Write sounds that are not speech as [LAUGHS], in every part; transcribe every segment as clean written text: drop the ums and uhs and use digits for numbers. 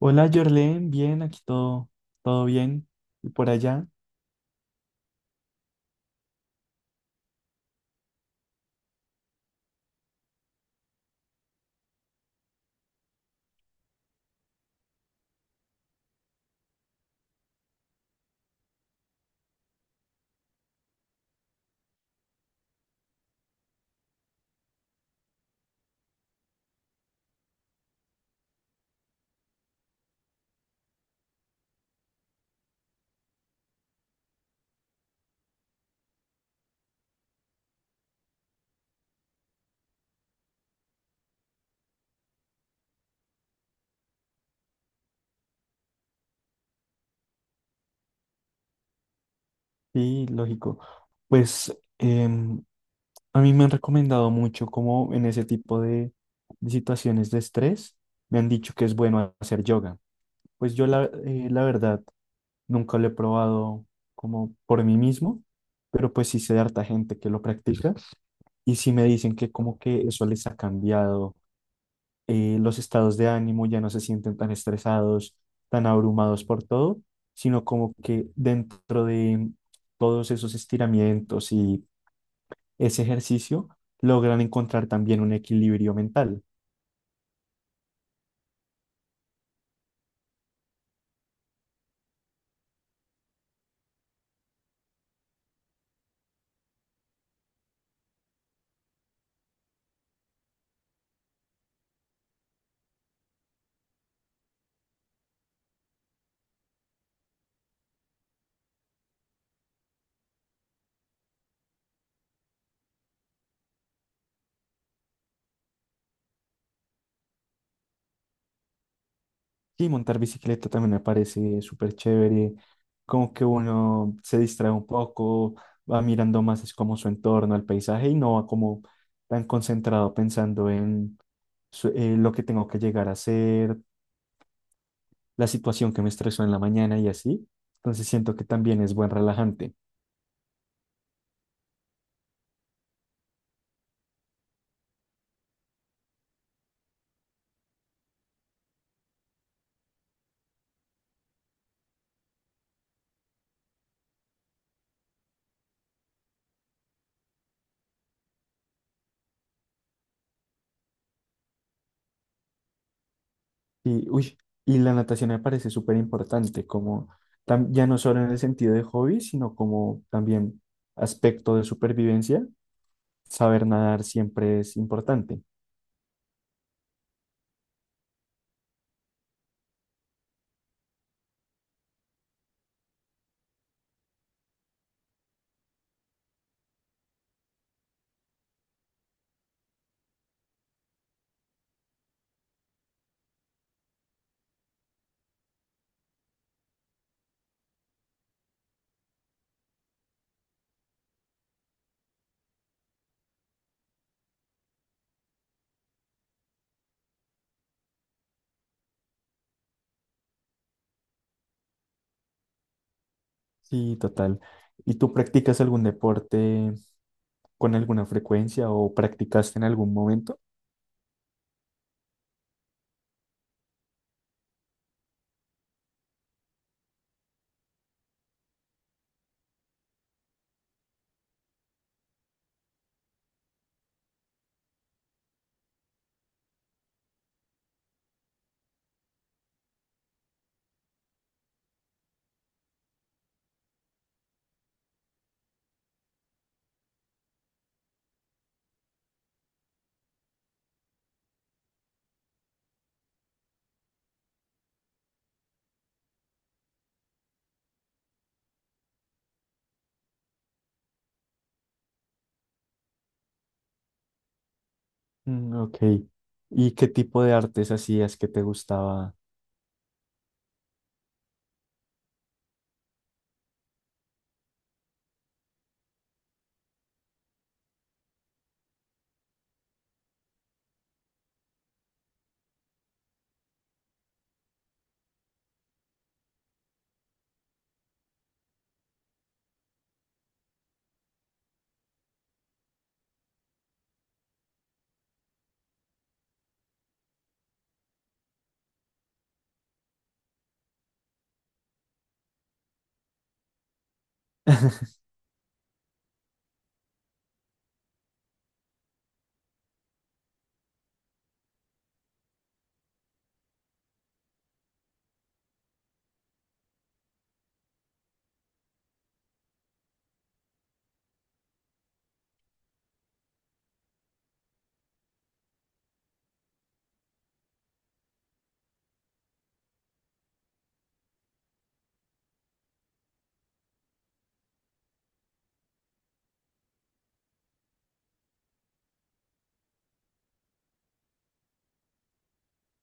Hola, Jorlen, bien, aquí todo, todo bien. Y por allá, sí, lógico. Pues a mí me han recomendado mucho como en ese tipo de situaciones de estrés, me han dicho que es bueno hacer yoga. Pues yo la verdad nunca lo he probado como por mí mismo, pero pues sí sé de harta gente que lo practica y sí me dicen que como que eso les ha cambiado los estados de ánimo, ya no se sienten tan estresados, tan abrumados por todo, sino como que dentro de todos esos estiramientos y ese ejercicio logran encontrar también un equilibrio mental. Y montar bicicleta también me parece súper chévere, como que uno se distrae un poco, va mirando más es como su entorno, el paisaje, y no va como tan concentrado pensando en lo que tengo que llegar a hacer, la situación que me estresó en la mañana y así. Entonces siento que también es buen relajante. Y uy, y la natación me parece súper importante, como ya no solo en el sentido de hobby, sino como también aspecto de supervivencia. Saber nadar siempre es importante. Sí, total. ¿Y tú practicas algún deporte con alguna frecuencia o practicaste en algún momento? Mm, ok. ¿Y qué tipo de artes hacías que te gustaba? [LAUGHS]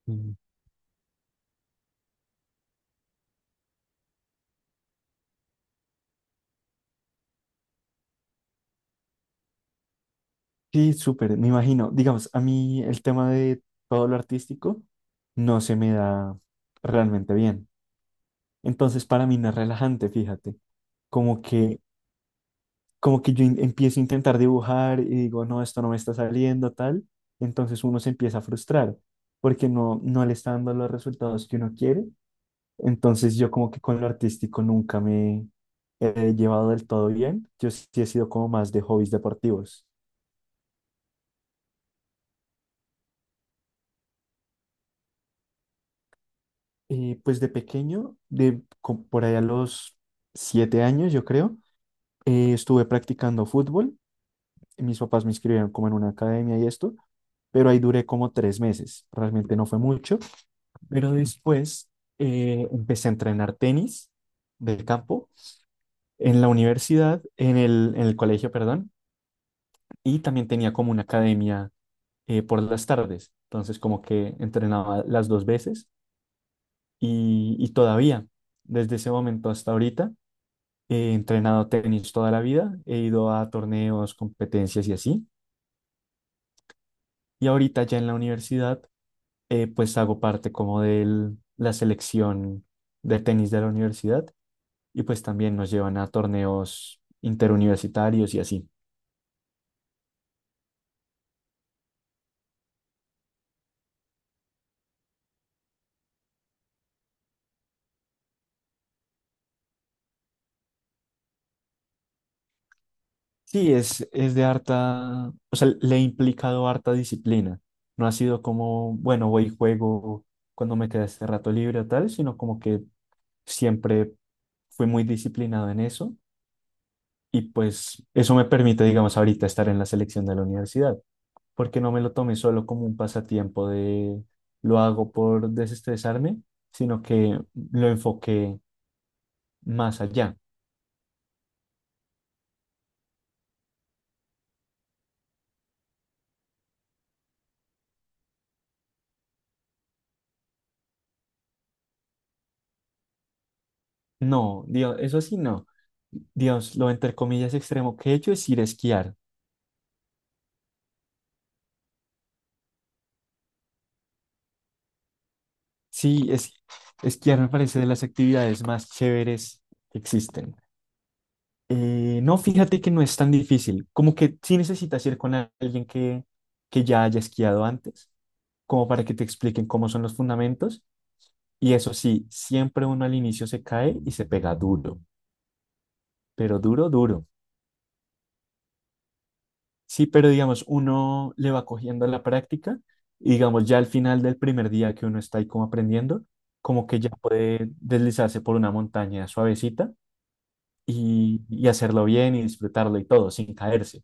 Mm. Sí, súper, me imagino. Digamos, a mí el tema de todo lo artístico no se me da realmente bien. Entonces, para mí no es relajante, fíjate. Como que, como que yo empiezo a intentar dibujar y digo, no, esto no me está saliendo, tal. Entonces uno se empieza a frustrar porque no le está dando los resultados que uno quiere. Entonces, yo como que con lo artístico nunca me he llevado del todo bien. Yo sí he sido como más de hobbies deportivos. Pues de pequeño, por allá a los 7 años, yo creo, estuve practicando fútbol. Mis papás me inscribieron como en una academia y esto, pero ahí duré como 3 meses. Realmente no fue mucho, pero después empecé a entrenar tenis del campo en la universidad, en el colegio, perdón, y también tenía como una academia por las tardes. Entonces como que entrenaba las dos veces y todavía, desde ese momento hasta ahorita. He entrenado tenis toda la vida, he ido a torneos, competencias y así. Y ahorita ya en la universidad, pues hago parte como de la selección de tenis de la universidad, y pues también nos llevan a torneos interuniversitarios y así. Sí, es de harta, o sea, le he implicado harta disciplina. No ha sido como, bueno, voy y juego cuando me queda este rato libre o tal, sino como que siempre fui muy disciplinado en eso. Y pues eso me permite, digamos, ahorita estar en la selección de la universidad, porque no me lo tomé solo como un pasatiempo de lo hago por desestresarme, sino que lo enfoqué más allá. No, Dios, eso sí no. Dios, lo entre comillas extremo que he hecho es ir a esquiar. Sí, es, esquiar me parece de las actividades más chéveres que existen. No, fíjate que no es tan difícil. Como que sí necesitas ir con alguien que ya haya esquiado antes, como para que te expliquen cómo son los fundamentos. Y eso sí, siempre uno al inicio se cae y se pega duro, pero duro, duro. Sí, pero digamos, uno le va cogiendo la práctica y digamos, ya al final del primer día que uno está ahí como aprendiendo, como que ya puede deslizarse por una montaña suavecita y hacerlo bien y disfrutarlo y todo, sin caerse.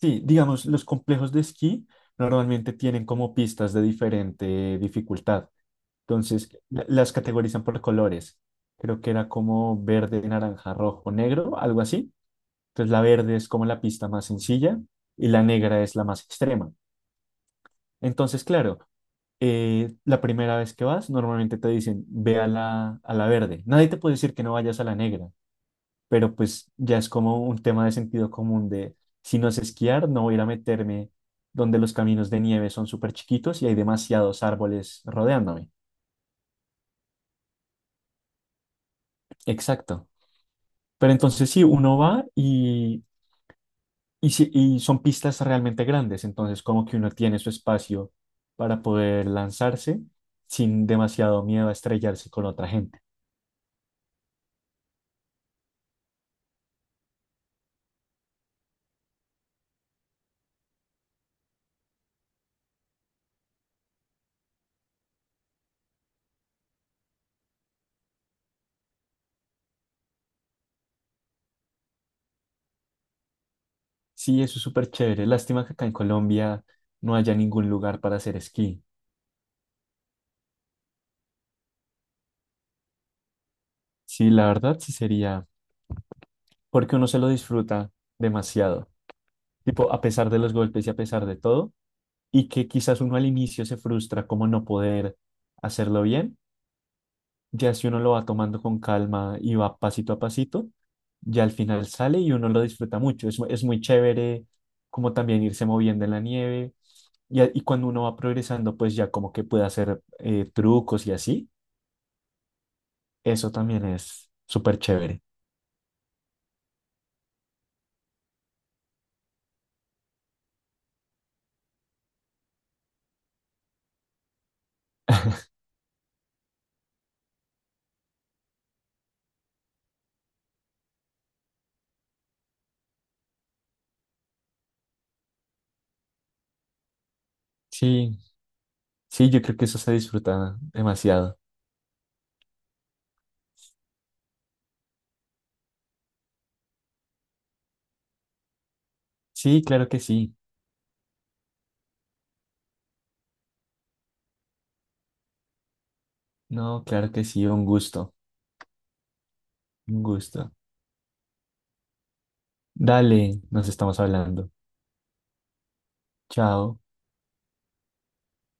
Sí, digamos, los complejos de esquí normalmente tienen como pistas de diferente dificultad. Entonces, las categorizan por colores. Creo que era como verde, naranja, rojo, negro, algo así. Entonces, la verde es como la pista más sencilla y la negra es la más extrema. Entonces, claro, la primera vez que vas, normalmente te dicen, ve a la verde. Nadie te puede decir que no vayas a la negra, pero pues ya es como un tema de sentido común de si no sé esquiar, no voy a ir a meterme donde los caminos de nieve son súper chiquitos y hay demasiados árboles rodeándome. Exacto. Pero entonces sí, uno va y son pistas realmente grandes, entonces como que uno tiene su espacio para poder lanzarse sin demasiado miedo a estrellarse con otra gente. Sí, eso es súper chévere. Lástima que acá en Colombia no haya ningún lugar para hacer esquí. Sí, la verdad sí sería porque uno se lo disfruta demasiado, tipo, a pesar de los golpes y a pesar de todo, y que quizás uno al inicio se frustra como no poder hacerlo bien, ya si uno lo va tomando con calma y va pasito a pasito, ya al final sale y uno lo disfruta mucho, es muy chévere como también irse moviendo en la nieve, y cuando uno va progresando, pues ya como que puede hacer trucos y así, eso también es súper chévere. Sí, sí, yo creo que eso se disfruta demasiado. Sí, claro que sí. No, claro que sí, un gusto, un gusto. Dale, nos estamos hablando. Chao.